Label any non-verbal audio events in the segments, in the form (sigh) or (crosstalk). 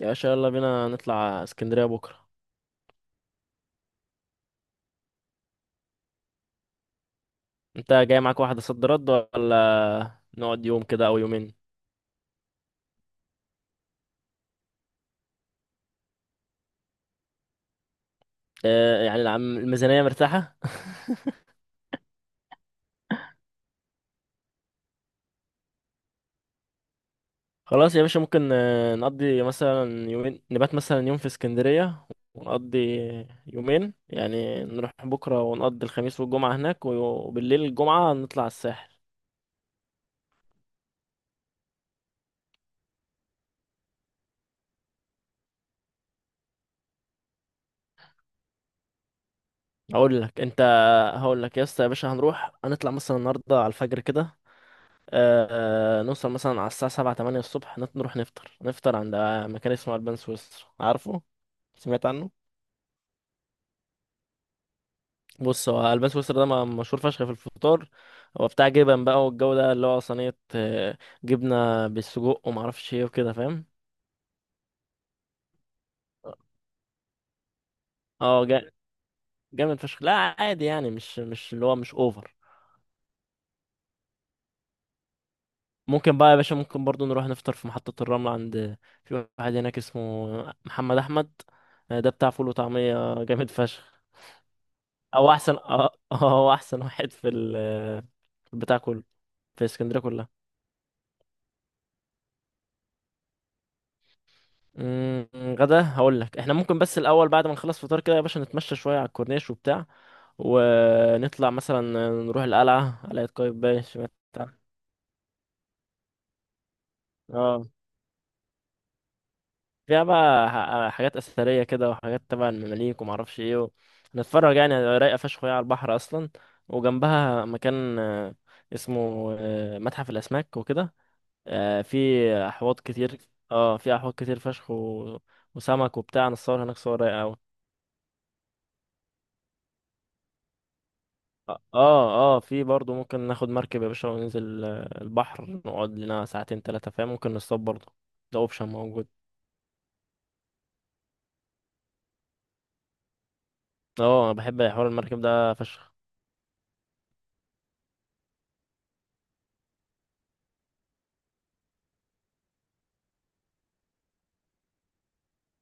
يا باشا يلا بينا نطلع اسكندرية بكرة. انت جاي معاك واحدة صد رد، ولا نقعد يوم كده او يومين؟ اه يعني الميزانية مرتاحة. (laughs) خلاص يا باشا، ممكن نقضي مثلا يومين، نبات مثلا يوم في اسكندرية ونقضي يومين، يعني نروح بكرة ونقضي الخميس والجمعة هناك، وبالليل الجمعة نطلع الساحل. هقول لك انت هقول لك يا اسطى يا باشا، هنروح هنطلع مثلا النهاردة على الفجر كده، آه نوصل مثلا على الساعة سبعة تمانية الصبح، نروح نفطر، نفطر عند مكان اسمه ألبان سويسرا، عارفه؟ سمعت عنه؟ بص، هو ألبان سويسرا ده مشهور فشخ في الفطار، هو بتاع جبن بقى، والجو ده اللي هو صينية جبنة بالسجق ومعرفش ايه وكده، فاهم؟ اه جا- جامد فشخ. لا عادي يعني، مش اللي هو مش اوفر. ممكن بقى يا باشا، ممكن برضو نروح نفطر في محطة الرمل عند، في واحد هناك اسمه محمد أحمد، ده بتاع فول وطعمية جامد فشخ. هو احسن، اه، (laughs) هو احسن واحد في في البتاع كله، في اسكندريه كلها. أمم، غدا هقول لك، احنا ممكن، بس الاول بعد ما نخلص فطار كده يا باشا نتمشى شويه على الكورنيش وبتاع، ونطلع مثلا نروح القلعه، قلعه قايتباي، سمعت عنها؟ اه، فيها بقى حاجات اثريه كده، وحاجات تبع المماليك وما اعرفش ايه، و... نتفرج يعني، رايقه فشخ وهي على البحر اصلا، وجنبها مكان اسمه متحف الاسماك وكده، في احواض كتير. اه في احواض كتير فشخ، و... وسمك وبتاع، نصور هناك صور رايقه قوي. اه اه، في برضه ممكن ناخد مركب يا باشا، وننزل البحر، نقعد لنا ساعتين تلاتة، فاهم؟ ممكن نصطاد برضه، ده اوبشن موجود. اه انا بحب حوار المركب ده فشخ.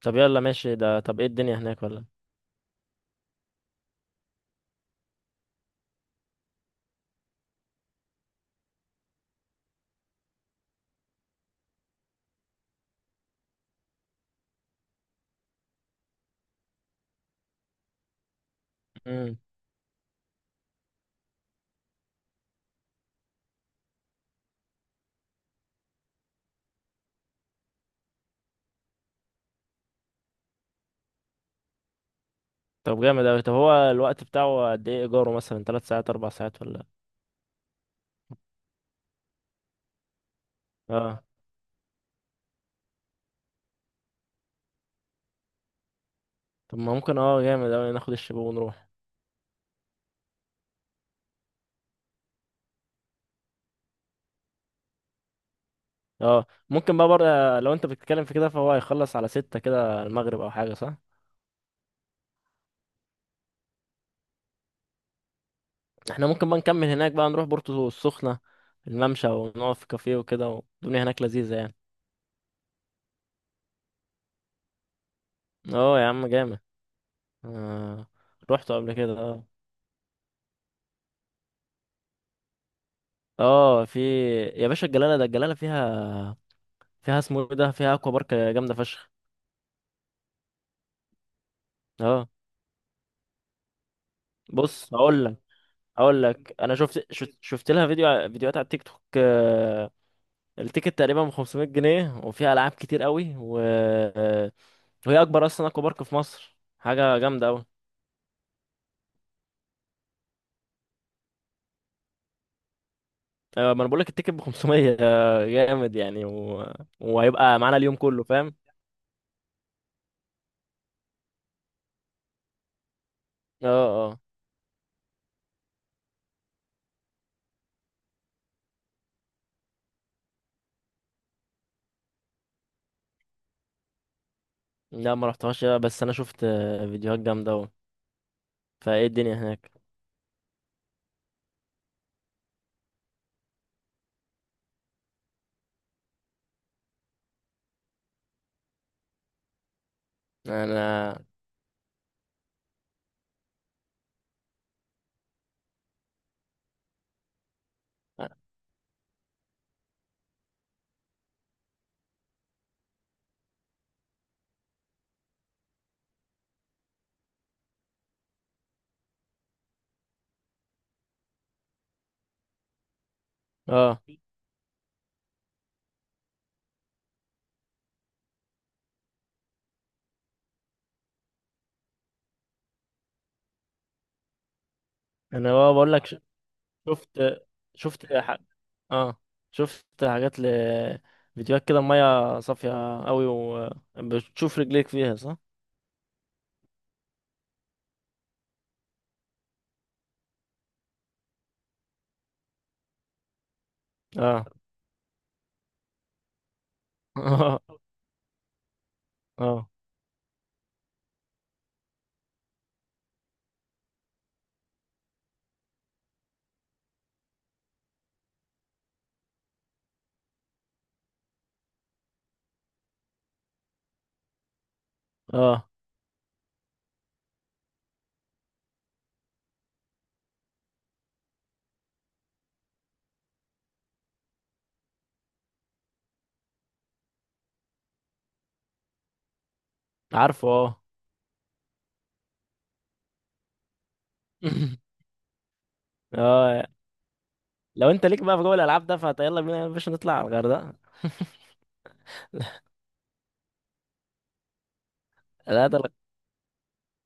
طب يلا ماشي ده، طب ايه الدنيا هناك ولا؟ امم. طب جامد اوي، طب هو الوقت بتاعه قد ايه ايجاره؟ مثلا تلات ساعات اربع ساعات ولا؟ اه، طب ما ممكن، اه جامد اوي، ناخد الشباب ونروح. اه ممكن بقى بره، لو انت بتتكلم في كده، فهو هيخلص على ستة كده المغرب او حاجة، صح؟ احنا ممكن بقى نكمل هناك، بقى نروح بورتو السخنة، الممشى، ونقف في كافيه وكده، والدنيا هناك لذيذة يعني. اه يا عم جامد. آه. رحته قبل كده، اه. اه في يا باشا، الجلالة ده، الجلالة فيها، فيها اسمه ايه ده، فيها اكوا بارك جامدة فشخ. اه. بص هقول لك، انا شفت لها فيديو، فيديوهات على التيك توك، التيكت تقريبا ب 500 جنيه، وفيها العاب كتير قوي، و... وهي اكبر اصلا اكوا بارك في مصر، حاجه جامده قوي. ما انا بقول لك، التيكت ب 500 جامد يعني، و... وهيبقى معانا اليوم كله، فاهم؟ اه اه. لا ما رحتهاش، بس انا شفت فيديوهات جامده قوي. فايه الدنيا هناك؟ انا اه. آه. انا بقى بقول لك، ش- شفت شفت ح... اه شفت حاجات، فيديوهات كده، الميه صافيه قوي، وبتشوف رجليك فيها، صح؟ اه اه اه اه، عارفه، اه. (laughs) اه، لو انت ليك بقى في جوه الالعاب ده، فيلا بينا يا باشا نطلع على الغردقه. (laughs) لا،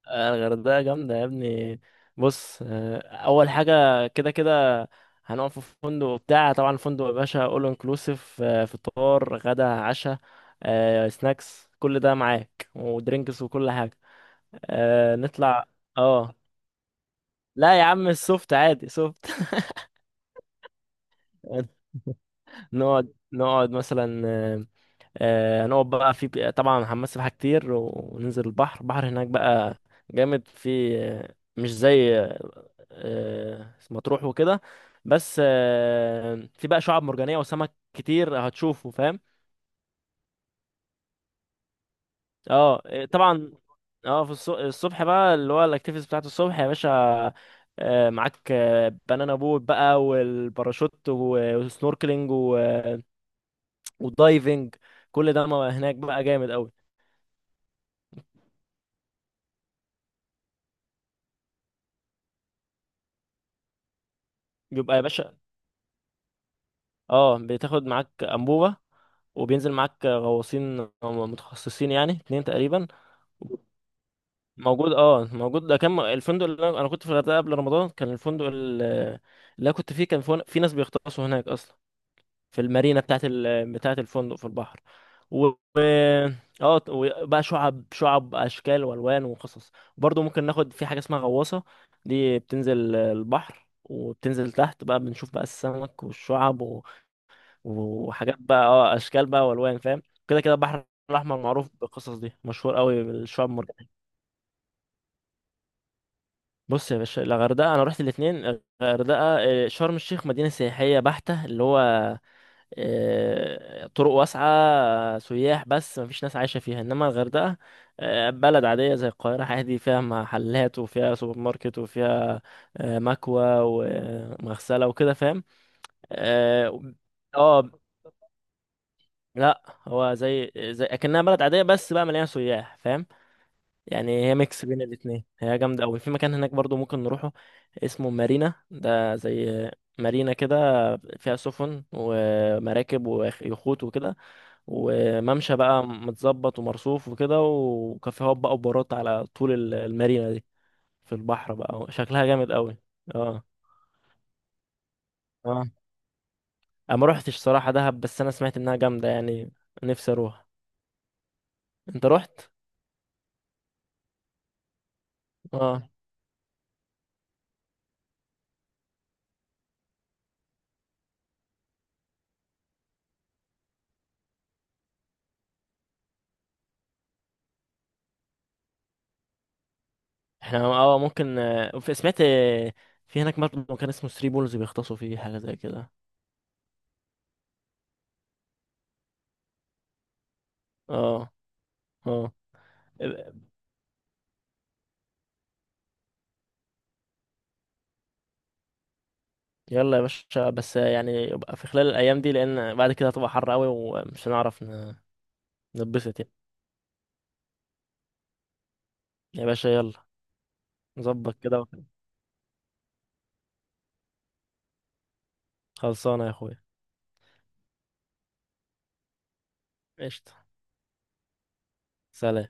الغردقه جامده يا ابني، بص اول حاجه، كده كده هنقعد في فندق بتاع، طبعا الفندق يا باشا اول انكلوسيف، فطار غدا عشاء سناكس، كل ده معاك ودرينكس وكل حاجه. نطلع. اه لا يا عم، السوفت عادي، سوفت. (laughs) نقعد مثلا هنقعد بقى في، طبعا هنمثل سباحة كتير، وننزل البحر، البحر هناك بقى جامد، في مش زي مطروح وكده، بس في بقى شعاب مرجانية وسمك كتير هتشوفه، فاهم؟ اه طبعا. اه في الصبح بقى اللي هو الاكتيفيتيز بتاعت الصبح يا باشا، معاك بنانا بوت بقى والباراشوت، و- والسنوركلينج، و- والدايفنج، كل ده ما هناك بقى جامد قوي. بيبقى يا باشا، اه بتاخد معاك انبوبه، وبينزل معاك غواصين متخصصين، يعني اتنين تقريبا. موجود اه، موجود، ده كان الفندق، اللي انا أنا كنت في الغردقه قبل رمضان، كان الفندق اللي انا كنت فيه، في ناس بيغطسوا هناك اصلا، في المارينا بتاعت الفندق، في البحر. و و- اه بقى شعب اشكال والوان وقصص، برضه ممكن ناخد في حاجه اسمها غواصه، دي بتنزل البحر، وبتنزل تحت بقى، بنشوف بقى السمك والشعب، وحاجات بقى، اه، اشكال بقى والوان، فاهم؟ كده كده البحر الاحمر معروف بالقصص دي، مشهور قوي بالشعاب المرجانيه. بص يا باشا، الغردقه انا رحت الاثنين، الغردقه شرم الشيخ مدينه سياحيه بحته، اللي هو طرق واسعه، سياح، بس مفيش ناس عايشه فيها، انما الغردقه بلد عاديه زي القاهره، عادي فيها محلات وفيها سوبر ماركت وفيها مكوى ومغسله وكده، فاهم؟ اه آه، لا هو زي اكنها بلد عاديه، بس بقى مليانه سياح، فاهم؟ يعني هي ميكس بين الاتنين، هي جامده قوي، في مكان هناك برضو ممكن نروحه، اسمه مارينا، ده زي مارينا كده، فيها سفن ومراكب ويخوت وكده، وممشى بقى متظبط ومرصوف وكده، وكافيهات بقى وبارات على طول المارينا دي، في البحر بقى، شكلها جامد قوي. اه اه، انا ما روحتش صراحه دهب، بس انا سمعت انها جامده يعني، نفسي اروح. انت روحت؟ اه احنا، اه ممكن سمعت في هناك برضه كان اسمه ثري بولز، بيغطسوا فيه حاجة زي كده. اه اه. يلا يا باشا، بس يعني يبقى في خلال الأيام دي، لأن بعد كده هتبقى حر قوي ومش هنعرف نتبسط يعني، يا باشا يلا نظبط كده. خلصانة يا أخويا. قشطة. سلام.